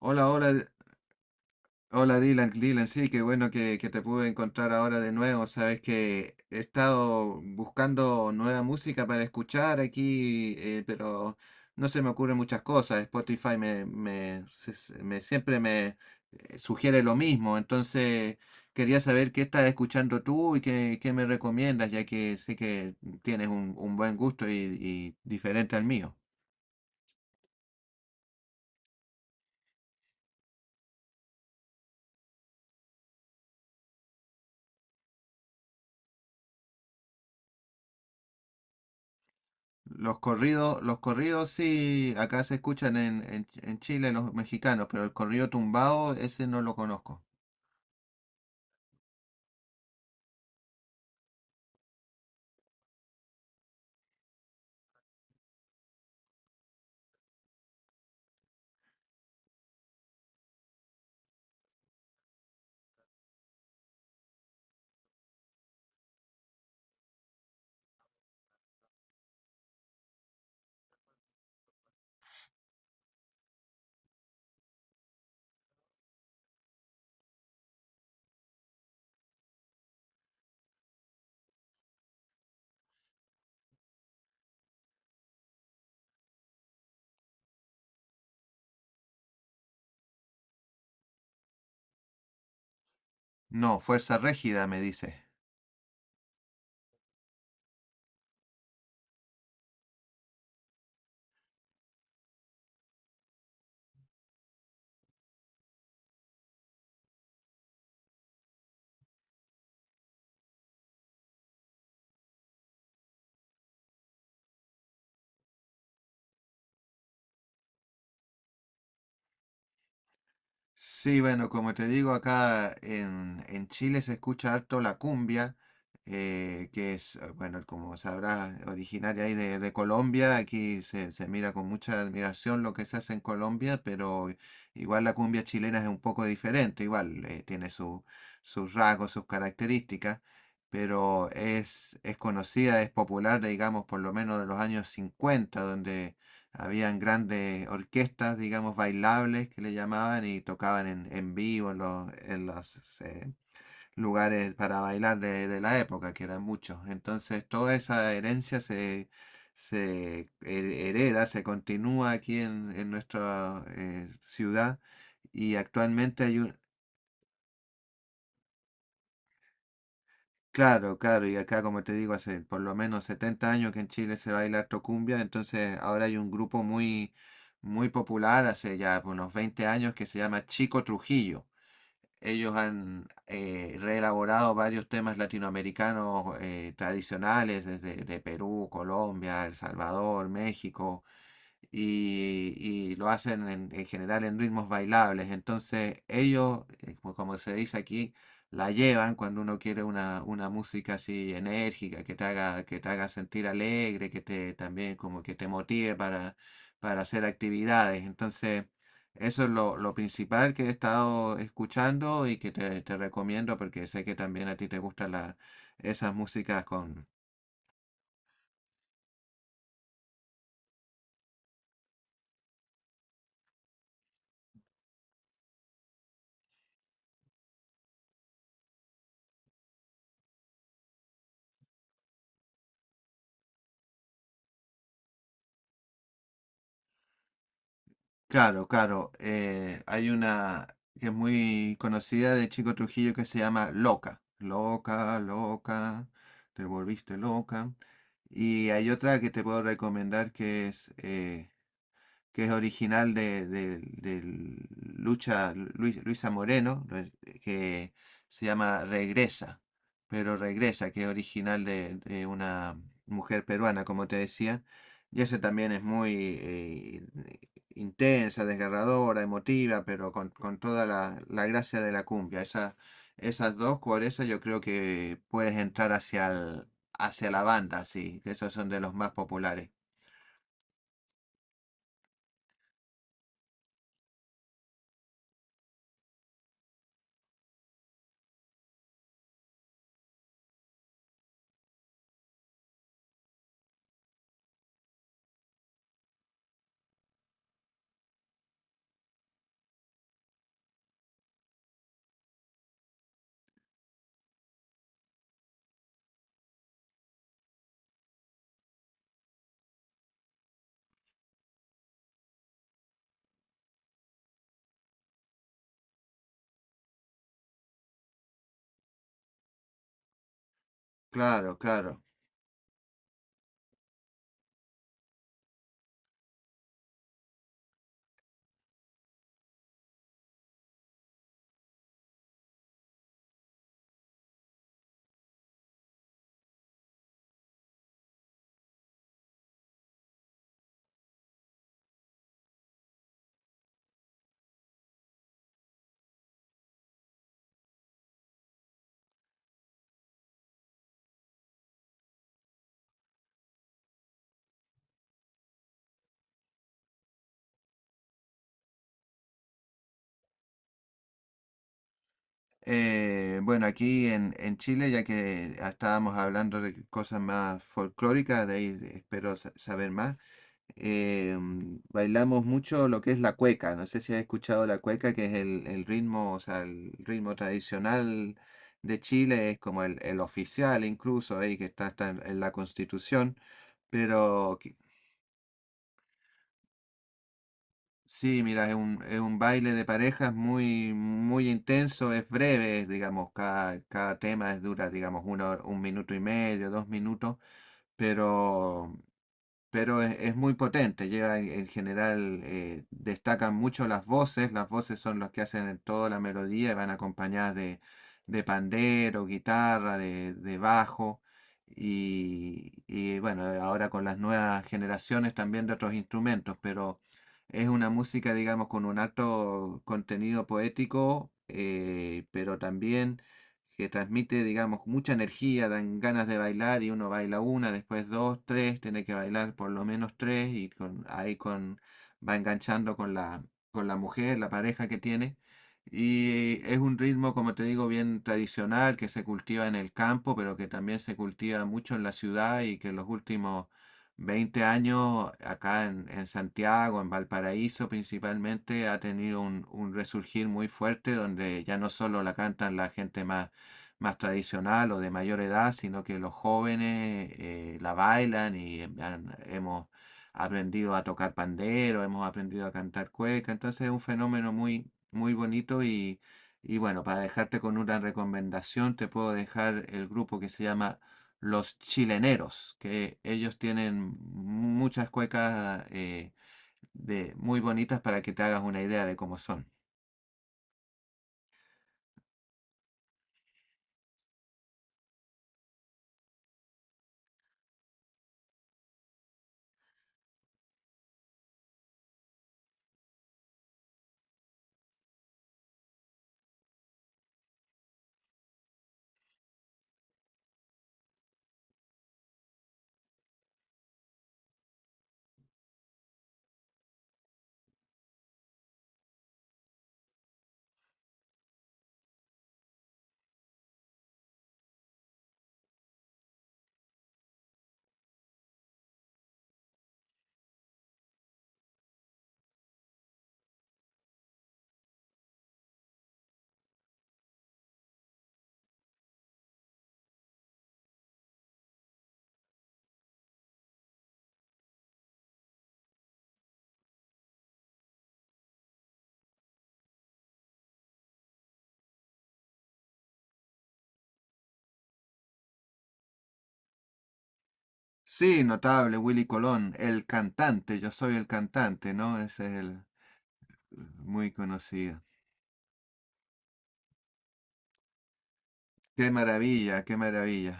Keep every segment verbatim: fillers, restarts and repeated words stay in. Hola, hola, D- hola Dylan, Dylan, sí, qué bueno que, que te pude encontrar ahora de nuevo. Sabes que he estado buscando nueva música para escuchar aquí, eh, pero no se me ocurren muchas cosas. Spotify me, me, se- se- me- siempre me eh, sugiere lo mismo. Entonces quería saber qué estás escuchando tú y qué, qué me recomiendas, ya que sé que tienes un, un buen gusto y y diferente al mío. Los corridos, los corridos sí, acá se escuchan en, en, en Chile los mexicanos, pero el corrido tumbado, ese no lo conozco. No, Fuerza Régida me dice. Sí, bueno, como te digo, acá en, en Chile se escucha harto la cumbia, eh, que es, eh, bueno, como sabrás, originaria ahí de, de Colombia. Aquí se, se mira con mucha admiración lo que se hace en Colombia, pero igual la cumbia chilena es un poco diferente, igual eh, tiene su- sus rasgos, sus características, pero es, es conocida, es popular, digamos, por lo menos de los años cincuenta, donde habían grandes orquestas, digamos, bailables que le llamaban y tocaban en, en vivo en los, en los, eh, lugares para bailar de, de la época, que eran muchos. Entonces, toda esa herencia se, se he- hereda, se continúa aquí en, en nuestra eh, ciudad y actualmente hay un. Claro, claro, y acá como te digo, hace por lo menos setenta años que en Chile se baila harto cumbia, entonces ahora hay un grupo muy, muy popular, hace ya unos veinte años, que se llama Chico Trujillo. Ellos han eh, reelaborado varios temas latinoamericanos eh, tradicionales desde de Perú, Colombia, El Salvador, México, y, y lo hacen en, en general en ritmos bailables. Entonces ellos, eh, como, como se dice aquí, la llevan cuando uno quiere una, una música así enérgica, que te haga, que te haga sentir alegre, que te también como que te motive para, para hacer actividades. Entonces, eso es lo, lo principal que he estado escuchando y que te, te recomiendo porque sé que también a ti te gustan la- esas músicas con. Claro, claro. eh, hay una que es muy conocida de Chico Trujillo que se llama Loca. Loca, loca, te volviste loca. Y hay otra que te puedo recomendar que es eh, que es original de, de- del Lucha, Luis- Luisa Moreno, que se llama Regresa, pero Regresa, que es original de, de una mujer peruana, como te decía, y ese también es muy eh, intensa, desgarradora, emotiva, pero con, con toda la, la gracia de la cumbia. Esa- esas dos, por eso yo creo que puedes entrar hacia el- hacia la banda, sí, que esos son de los más populares. Claro, claro. Eh, bueno, aquí en, en Chile, ya que estábamos hablando de cosas más folclóricas, de ahí espero sa- saber más. Eh, mm, bailamos mucho lo que es la cueca. No sé si has escuchado la cueca, que es el, el ritmo, o sea, el ritmo tradicional de Chile, es como el, el oficial incluso, ahí que está, está, en en la Constitución, pero que- Sí, mira, es un, es un baile de parejas muy, muy intenso, es breve, digamos, cada, cada tema es dura, digamos, uno, un minuto y medio, dos minutos, pero pero es, es muy potente. Lleva en, en general, eh, destacan mucho las voces. Las voces son los que hacen toda la melodía y van acompañadas de, de pandero, guitarra, de, de bajo. Y, y bueno, ahora con las nuevas generaciones también de otros instrumentos, pero es una música, digamos, con un alto contenido poético, eh, pero también que transmite, digamos, mucha energía, dan ganas de bailar y uno baila una, después dos, tres, tiene que bailar por lo menos tres y con, ahí con, va enganchando con la, con la mujer, la pareja que tiene. Y es un ritmo, como te digo, bien tradicional que se cultiva en el campo, pero que también se cultiva mucho en la ciudad y que en los últimos veinte años acá en, en Santiago, en Valparaíso principalmente, ha tenido un, un resurgir muy fuerte donde ya no solo la cantan la gente más más tradicional o de mayor edad, sino que los jóvenes eh, la bailan y em- han- hemos aprendido a tocar pandero, hemos aprendido a cantar cueca, entonces es un fenómeno muy, muy bonito y, y bueno, para dejarte con una recomendación, te puedo dejar el grupo que se llama Los Chileneros, que ellos tienen muchas cuecas eh, de, muy bonitas para que te hagas una idea de cómo son. Sí, notable, Willy Colón, el cantante, yo soy el cantante, ¿no? Ese es el muy conocido. Qué maravilla, qué maravilla.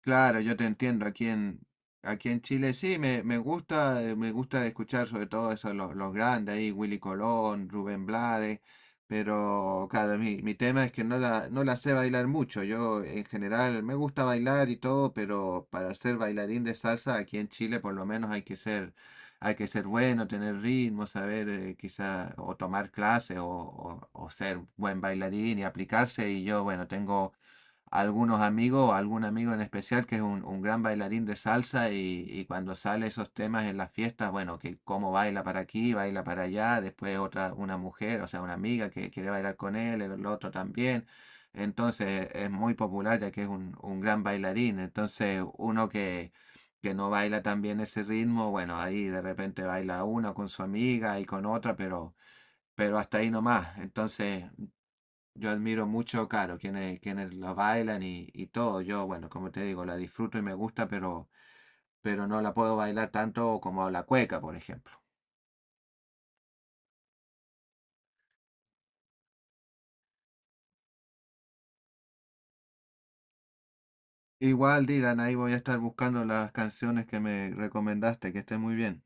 Claro, yo te entiendo. Aquí en, aquí en Chile sí, me, me gusta, eh, me gusta escuchar sobre todo eso, lo- los grandes ahí, Willy Colón, Rubén Blades, pero claro, mi, mi tema es que no la, no la sé bailar mucho. Yo en general me gusta bailar y todo, pero para ser bailarín de salsa aquí en Chile por lo menos hay que ser, hay que ser bueno, tener ritmo, saber eh, quizá o tomar clases o, o o ser buen bailarín y aplicarse. Y yo, bueno, tengo algunos amigos o algún amigo en especial que es un, un gran bailarín de salsa y, y cuando sale esos temas en las fiestas, bueno, que cómo baila para aquí, baila para allá, después otra, una mujer, o sea, una amiga que quiere bailar con él, el, el otro también. Entonces es muy popular ya que es un, un gran bailarín. Entonces uno que, que no baila también ese ritmo, bueno, ahí de repente baila uno con su amiga y con otra, pero, pero hasta ahí nomás. Entonces yo admiro mucho, claro, quienes, quienes la bailan y, y todo. Yo, bueno, como te digo, la disfruto y me gusta, pero, pero no la puedo bailar tanto como la cueca, por ejemplo. Igual, Dylan, ahí voy a estar buscando las canciones que me recomendaste, que estén muy bien.